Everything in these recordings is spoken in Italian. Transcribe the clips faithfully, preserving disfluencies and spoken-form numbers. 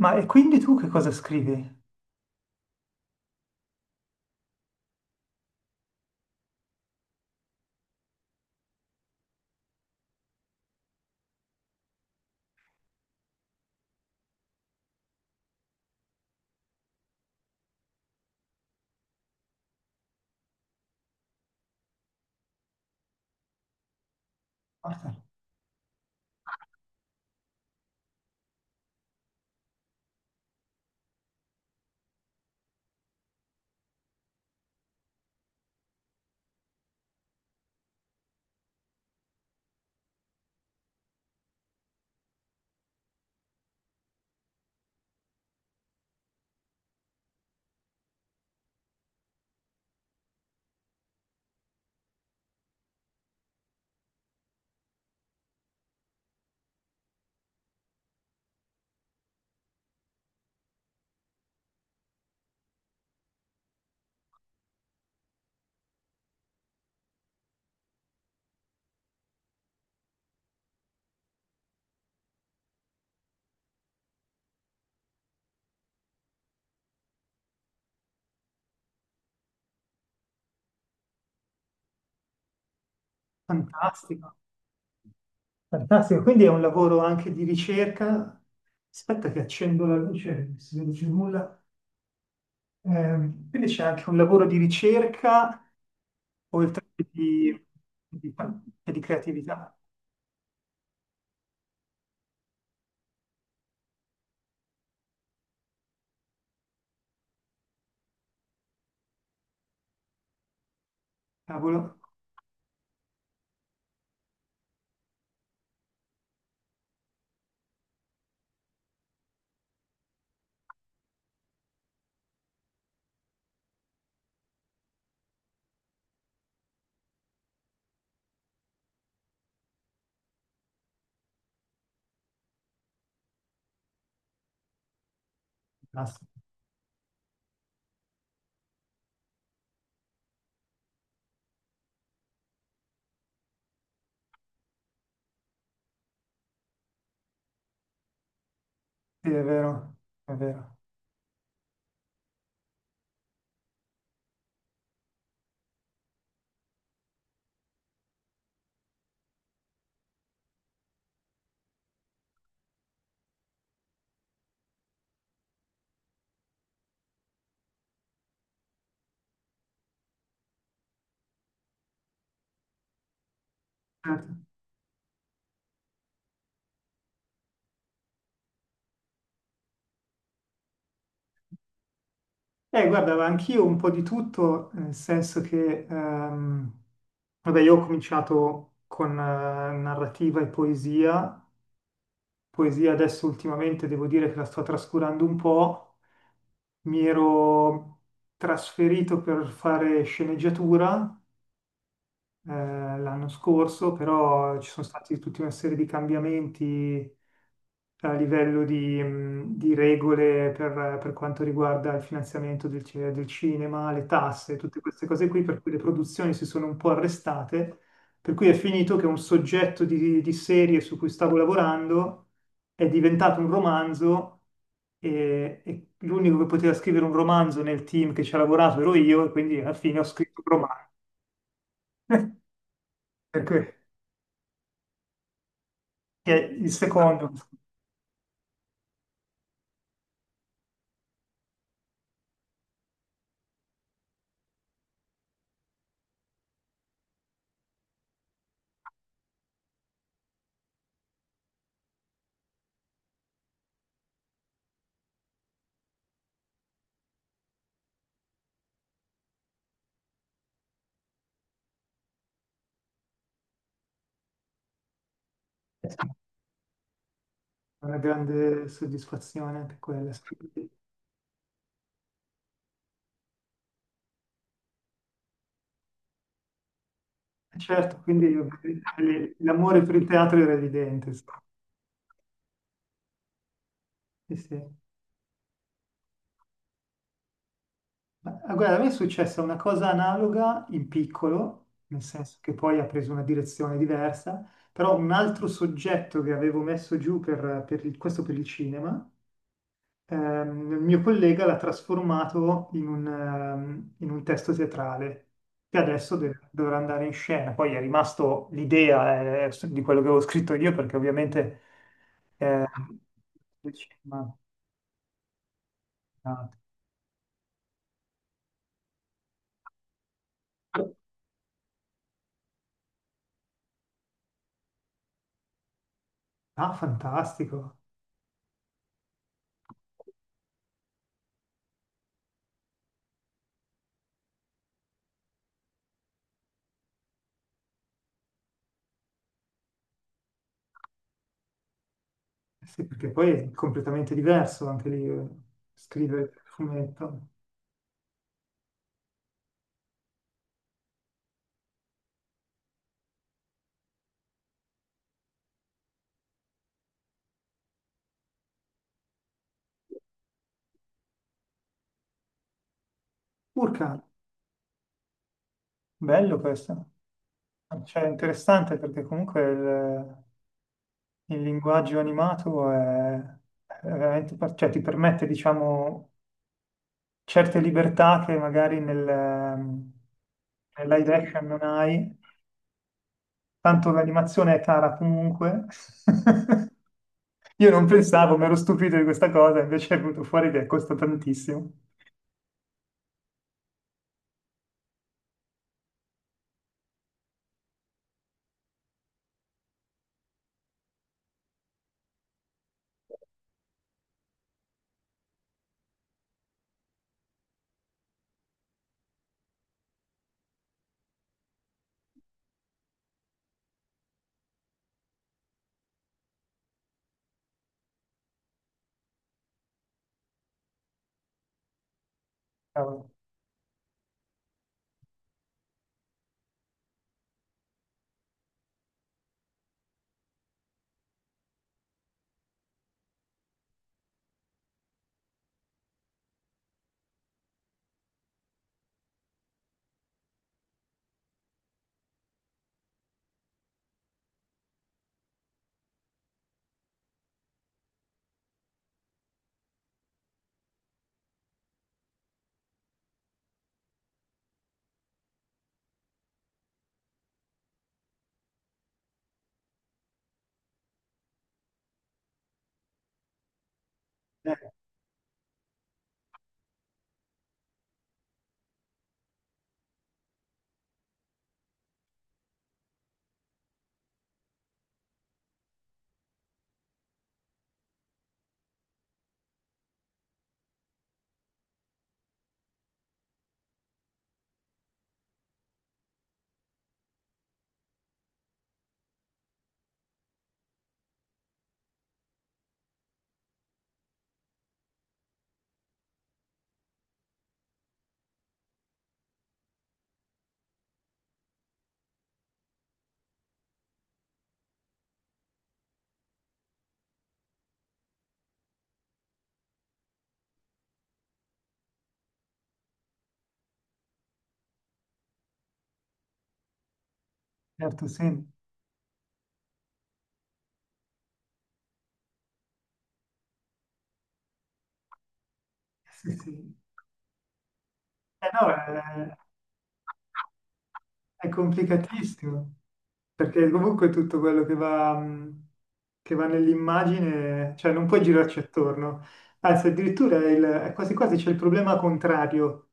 Ma e quindi tu che cosa scrivi? Porca. Fantastico, fantastico. Quindi è un lavoro anche di ricerca. Aspetta che accendo la luce, non si vede più nulla. Ehm, quindi c'è anche un lavoro di ricerca, oltre che di, di- che di creatività. Cavolo, fantastico. Sì, è vero, è vero. Certo. Eh, guarda, ma anch'io un po' di tutto, nel senso che, ehm, vabbè, io ho cominciato con eh, narrativa e poesia poesia adesso ultimamente devo dire che la sto trascurando un po'. Mi ero trasferito per fare sceneggiatura eh, l'anno scorso, però ci sono stati tutta una serie di cambiamenti a livello di, mh, di regole per, per quanto riguarda il finanziamento del, ci- del cinema, le tasse, tutte queste cose qui, per cui le produzioni si sono un po' arrestate, per cui è finito che un soggetto di, di serie su cui stavo lavorando è diventato un romanzo e, e l'unico che poteva scrivere un romanzo nel team che ci ha lavorato ero io e quindi alla fine ho scritto un romanzo. Per cui che è il secondo, è una grande soddisfazione anche quella. Sì. Certo, quindi io- l'amore per il teatro era evidente. Sì, sì, sì. Ma ah, guarda, a me è successa una cosa analoga in piccolo, nel senso che poi ha preso una direzione diversa, però un altro soggetto che avevo messo giù per, per il- questo per il cinema, ehm, il mio collega l'ha trasformato in un, ehm, in un testo teatrale che adesso de- dovrà andare in scena. Poi è rimasto l'idea, eh, di quello che avevo scritto io, perché ovviamente eh, il cinema- ah, Ah, fantastico. Eh sì, perché poi è completamente diverso anche lì, eh, scrivere il fumetto. Urca, bello questo. Cioè, interessante perché comunque il linguaggio animato è, è veramente, par- cioè ti permette, diciamo, certe libertà che magari nel, ehm, nel live action non hai. Tanto l'animazione è cara comunque. Io non pensavo, mi ero stupito di questa cosa, invece è venuto fuori che costa tantissimo. Cavolo. Eh, certo, sì. Sì, sì. Eh, no, eh, è complicatissimo, perché comunque tutto quello che va, mh, che va nell'immagine, cioè non puoi girarci attorno. Anzi, addirittura è il- è quasi quasi c'è il problema contrario,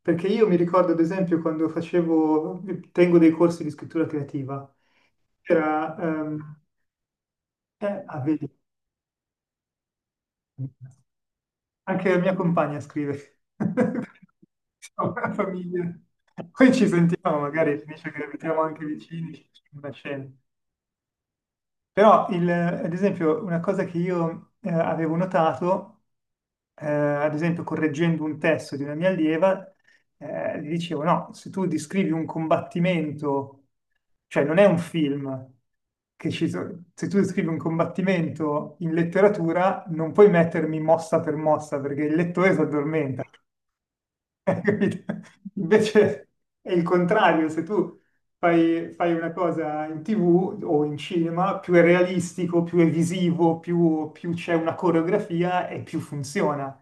perché io mi ricordo, ad esempio, quando facevo, tengo dei corsi di scrittura creativa, era, ehm, eh, ah, vedi, anche la mia compagna scrive, siamo una famiglia. Poi ci sentiamo, magari finisce che abitiamo anche vicini, c'è una cena. Però, il- ad esempio, una cosa che io, eh, avevo notato, eh, ad esempio, correggendo un testo di una mia allieva, eh, gli dicevo, no, se tu descrivi un combattimento, cioè non è un film, che ci so- se tu descrivi un combattimento in letteratura, non puoi mettermi mossa per mossa, perché il lettore si addormenta. Capito? Invece è il contrario, se tu fai, fai una cosa in ti vù o in cinema, più è realistico, più è visivo, più, più c'è una coreografia e più funziona.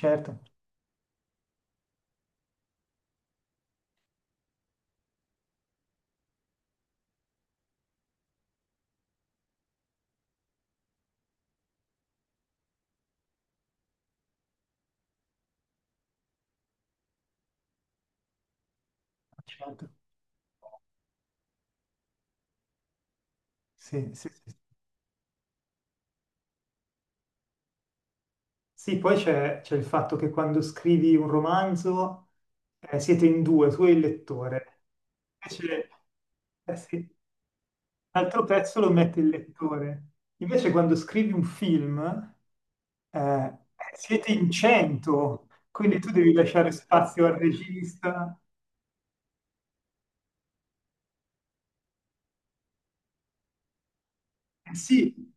Certo, certo. Sì, sì, sì. Sì, poi c'è c'è il fatto che quando scrivi un romanzo, eh, siete in due, tu e il lettore. Invece, eh sì, l'altro pezzo lo mette il lettore. Invece quando scrivi un film, eh, siete in cento, quindi tu devi lasciare spazio al regista. Eh sì,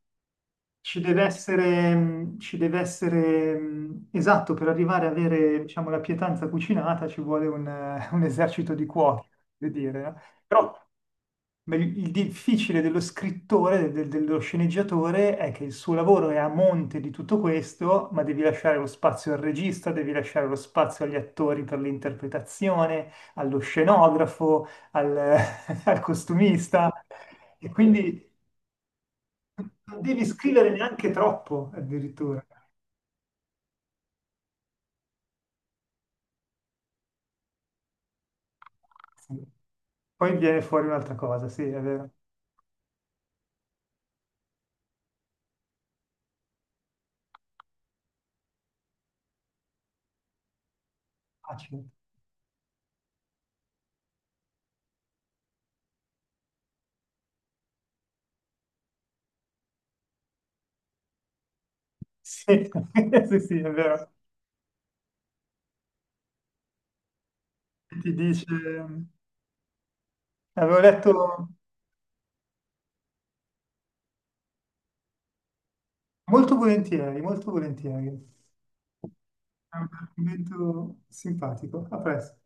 ci deve essere, mh, ci deve essere, mh, esatto, per arrivare a avere, diciamo, la pietanza cucinata ci vuole un, eh, un esercito di cuochi, per dire, no? Però ma il il difficile dello scrittore, del- dello sceneggiatore, è che il suo lavoro è a monte di tutto questo, ma devi lasciare lo spazio al regista, devi lasciare lo spazio agli attori per l'interpretazione, allo scenografo, al, al costumista. E quindi non devi scrivere neanche troppo, addirittura. Sì. Poi viene fuori un'altra cosa, sì, è vero. Facile. Sì, sì, sì, è vero. Ti dice... Avevo letto molto volentieri, molto volentieri. È un argomento simpatico. A presto.